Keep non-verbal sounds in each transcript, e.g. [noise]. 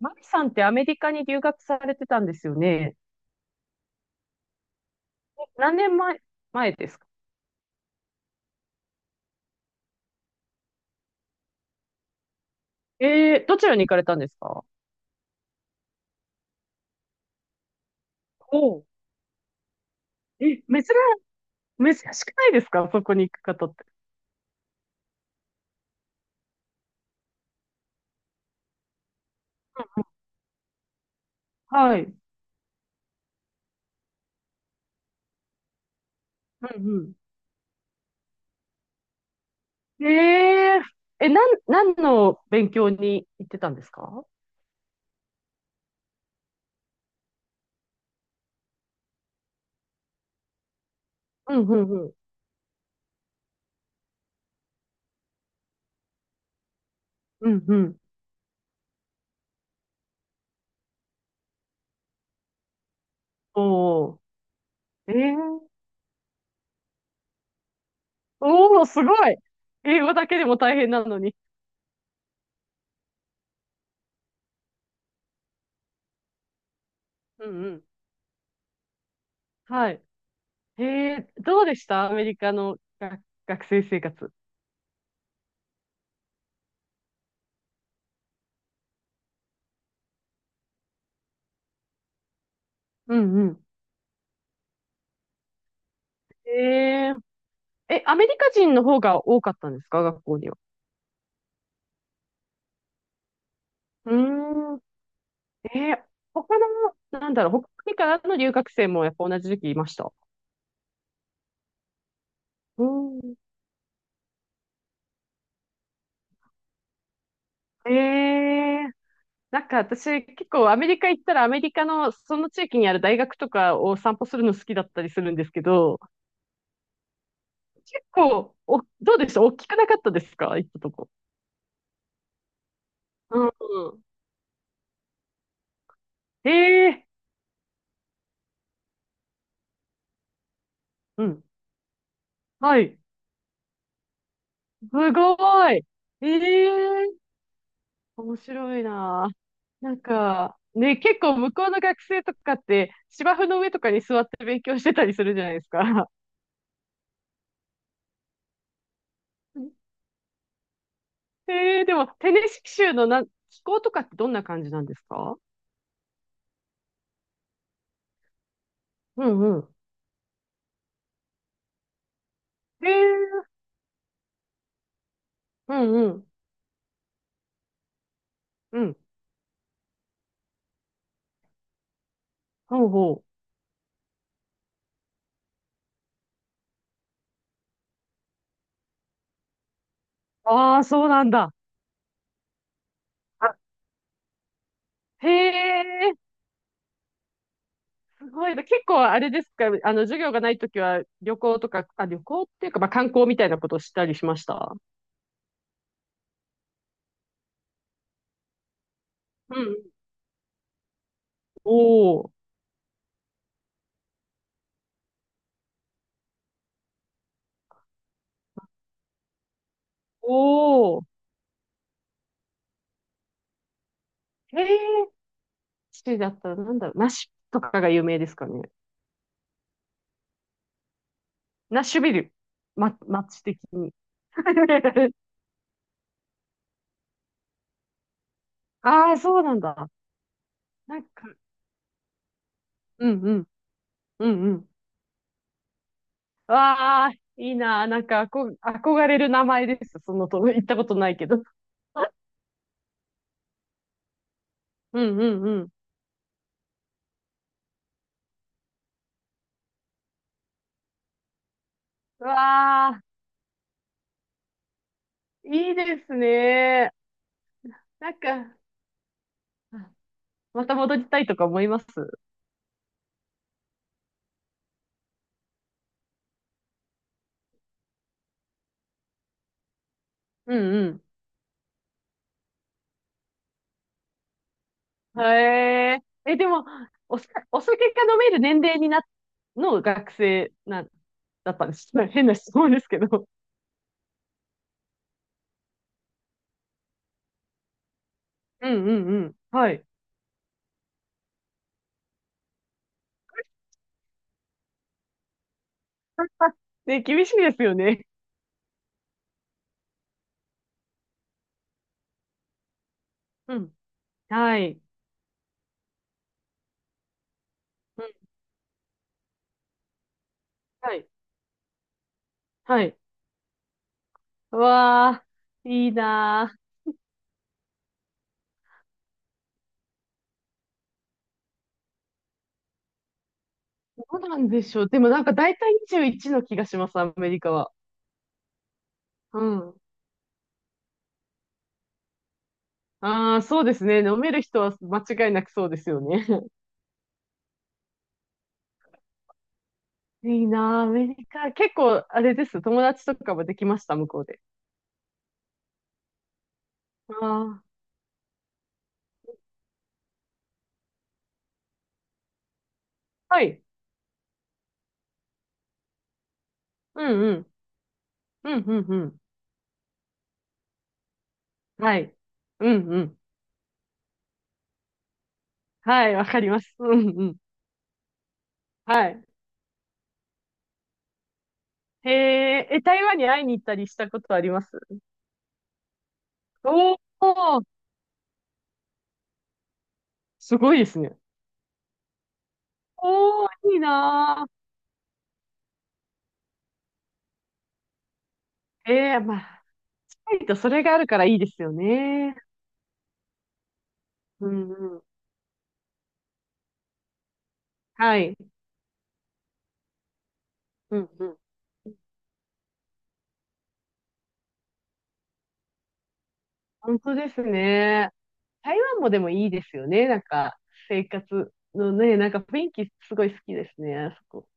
マキさんってアメリカに留学されてたんですよね。何年前ですか？ええ、どちらに行かれたんですか？おう。え、珍しくないですか、そこに行く方って？はい。うんうん。えー、え、なん、何の勉強に行ってたんですか？うんうんうん。うんうん。おー。ええ。おー、すごい。英語だけでも大変なのに。うんうん。はい。えどうでしたアメリカの学生生活？うんうん。えええ、アメリカ人の方が多かったんですか、学校には？うーん。えー他の、なんだろう、北国からの留学生もやっぱ同じ時期いました？うん。ええなんか私結構アメリカ行ったらアメリカのその地域にある大学とかを散歩するの好きだったりするんですけど、結構、どうでした、大きくなかったですか、行ったとこ？うんうん。ええ、うん。はい。すごい。ええ面白いな。なんか、ね、結構向こうの学生とかって、芝生の上とかに座って勉強してたりするじゃないですか。[laughs] でも、テネシキ州の気候とかってどんな感じなんですか？うんうん。へえ。うんうん。うん。ほうほう。ああ、そうなんだ。あへえ、すごいな。結構あれですか、あの、授業がないときは旅行とか、あ、旅行っていうか、まあ観光みたいなことをしたりしました？うん。おお。おお。へえ。シティだったらなんだろう、ナッシュとかが有名ですかね。ナッシュビル。ま、街的に。[laughs] ああ、そうなんだ。なんか、うんうん、うんうん。わあ、いいな。なんか、憧れる名前です。そのと、行ったことないけど。[laughs] うんうんうん。うわあ、いいですね。なんか、あまた戻りたいとか思います？うんうん。へえ。でも、お、お酒が飲める年齢にな、の学生な、だったんです？[laughs] 変な質問ですけど。うんうんうん。はい。[laughs] ね、厳しいですよね。うん。はい。うん。はい。はい。うわー、いいなー。どうなんでしょう。でもなんか大体21の気がします、アメリカは。うん。ああ、そうですね。飲める人は間違いなくそうですよね。[laughs] いいなー、アメリカ。結構、あれです。友達とかもできました、向こうで？ああ、はい。うんうん。うんうんうん。はい。うんうん。はい、わかります。うんうん。はい。へえ、台湾に会いに行ったりしたことあります？おおー、すごいですね。おお、いいなー。ええ、まあ、タイとそれがあるからいいですよね。うんうん。はい。うんうん。本当ですね。台湾もでもいいですよね。なんか、生活のね、なんか雰囲気すごい好きですね、あそこ。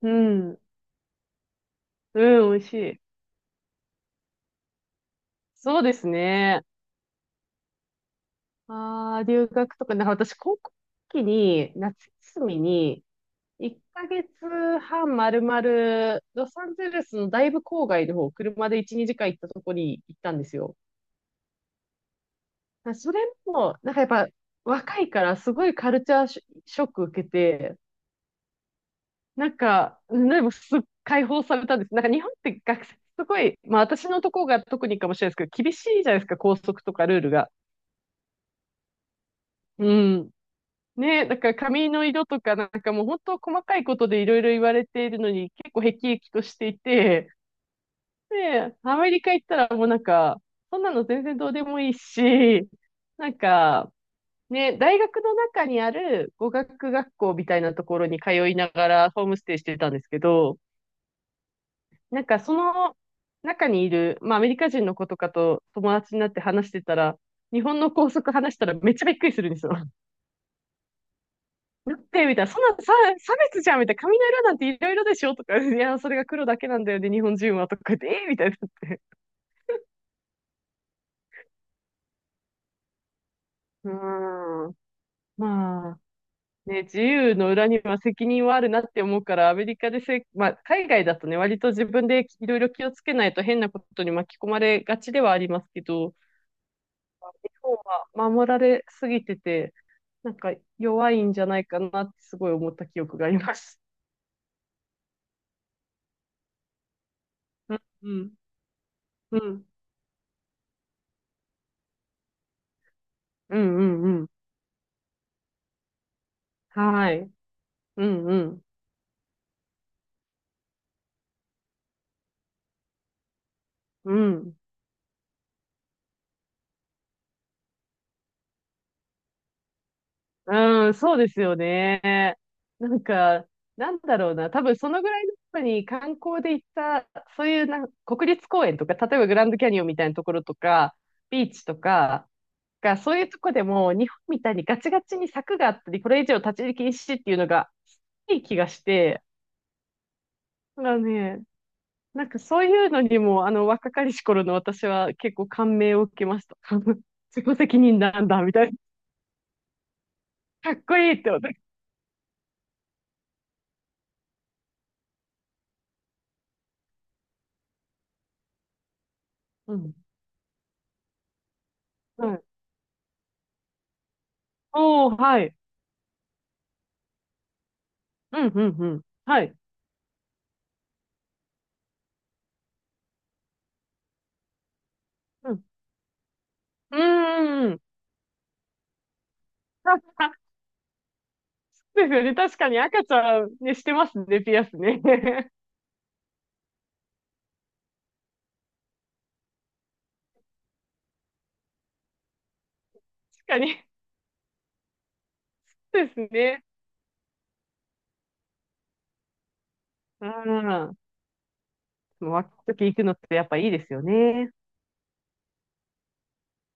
うん。うん、美味しい。そうですね。ああ、留学とか、なんか私、高校の時に、夏休みに、1ヶ月半まるまる、ロサンゼルスのだいぶ郊外の方、車で1、2時間行ったとこに行ったんですよ。それも、なんかやっぱ若いからすごいカルチャーショック受けて、なんか、でも解放されたんです。なんか日本って学生、すごい、まあ私のとこが特にかもしれないですけど、厳しいじゃないですか、校則とかルールが。うん。ね、だから髪の色とかなんかもう本当細かいことでいろいろ言われているのに結構辟易としていて、で、アメリカ行ったらもうなんか、そんなの全然どうでもいいし、なんか、ね、大学の中にある語学学校みたいなところに通いながらホームステイしてたんですけど、なんかその中にいる、まあアメリカ人の子とかと友達になって話してたら、日本の校則話したらめっちゃびっくりするんですよ。[laughs] だって、みたいな、そんなさ差別じゃんみたいな、髪の色なんていろいろでしょとか、いや、それが黒だけなんだよね、日本人はとかで、えーみたいになって。うーん。まあ、ね、自由の裏には責任はあるなって思うから、アメリカでまあ、海外だとね、割と自分でいろいろ気をつけないと変なことに巻き込まれがちではありますけど、日本は守られすぎてて、なんか弱いんじゃないかなってすごい思った記憶があります。うん、うん、うん、うん、うん、うんはい、うん、うん、うん。うん、そうですよね。なんか、なんだろうな。多分そのぐらいの時に観光で行った、そういう国立公園とか、例えばグランドキャニオンみたいなところとか、ビーチとかが、そういうとこでも日本みたいにガチガチに柵があったり、これ以上立ち入り禁止っていうのがいい気がして、だからね、なんかそういうのにも、あの若かりし頃の私は結構感銘を受けました。[laughs] 自己責任なんだ、みたいな。かっこいいって思って。うん。はい。おー、はい。うん、うん、うん。はい。うん。うーん。あ、あ [laughs] そうですよね。確かに赤ちゃんね、してますね、ピアスね。[laughs] 確かに。そうですね。うん。若い時行くのってやっぱいいですよね。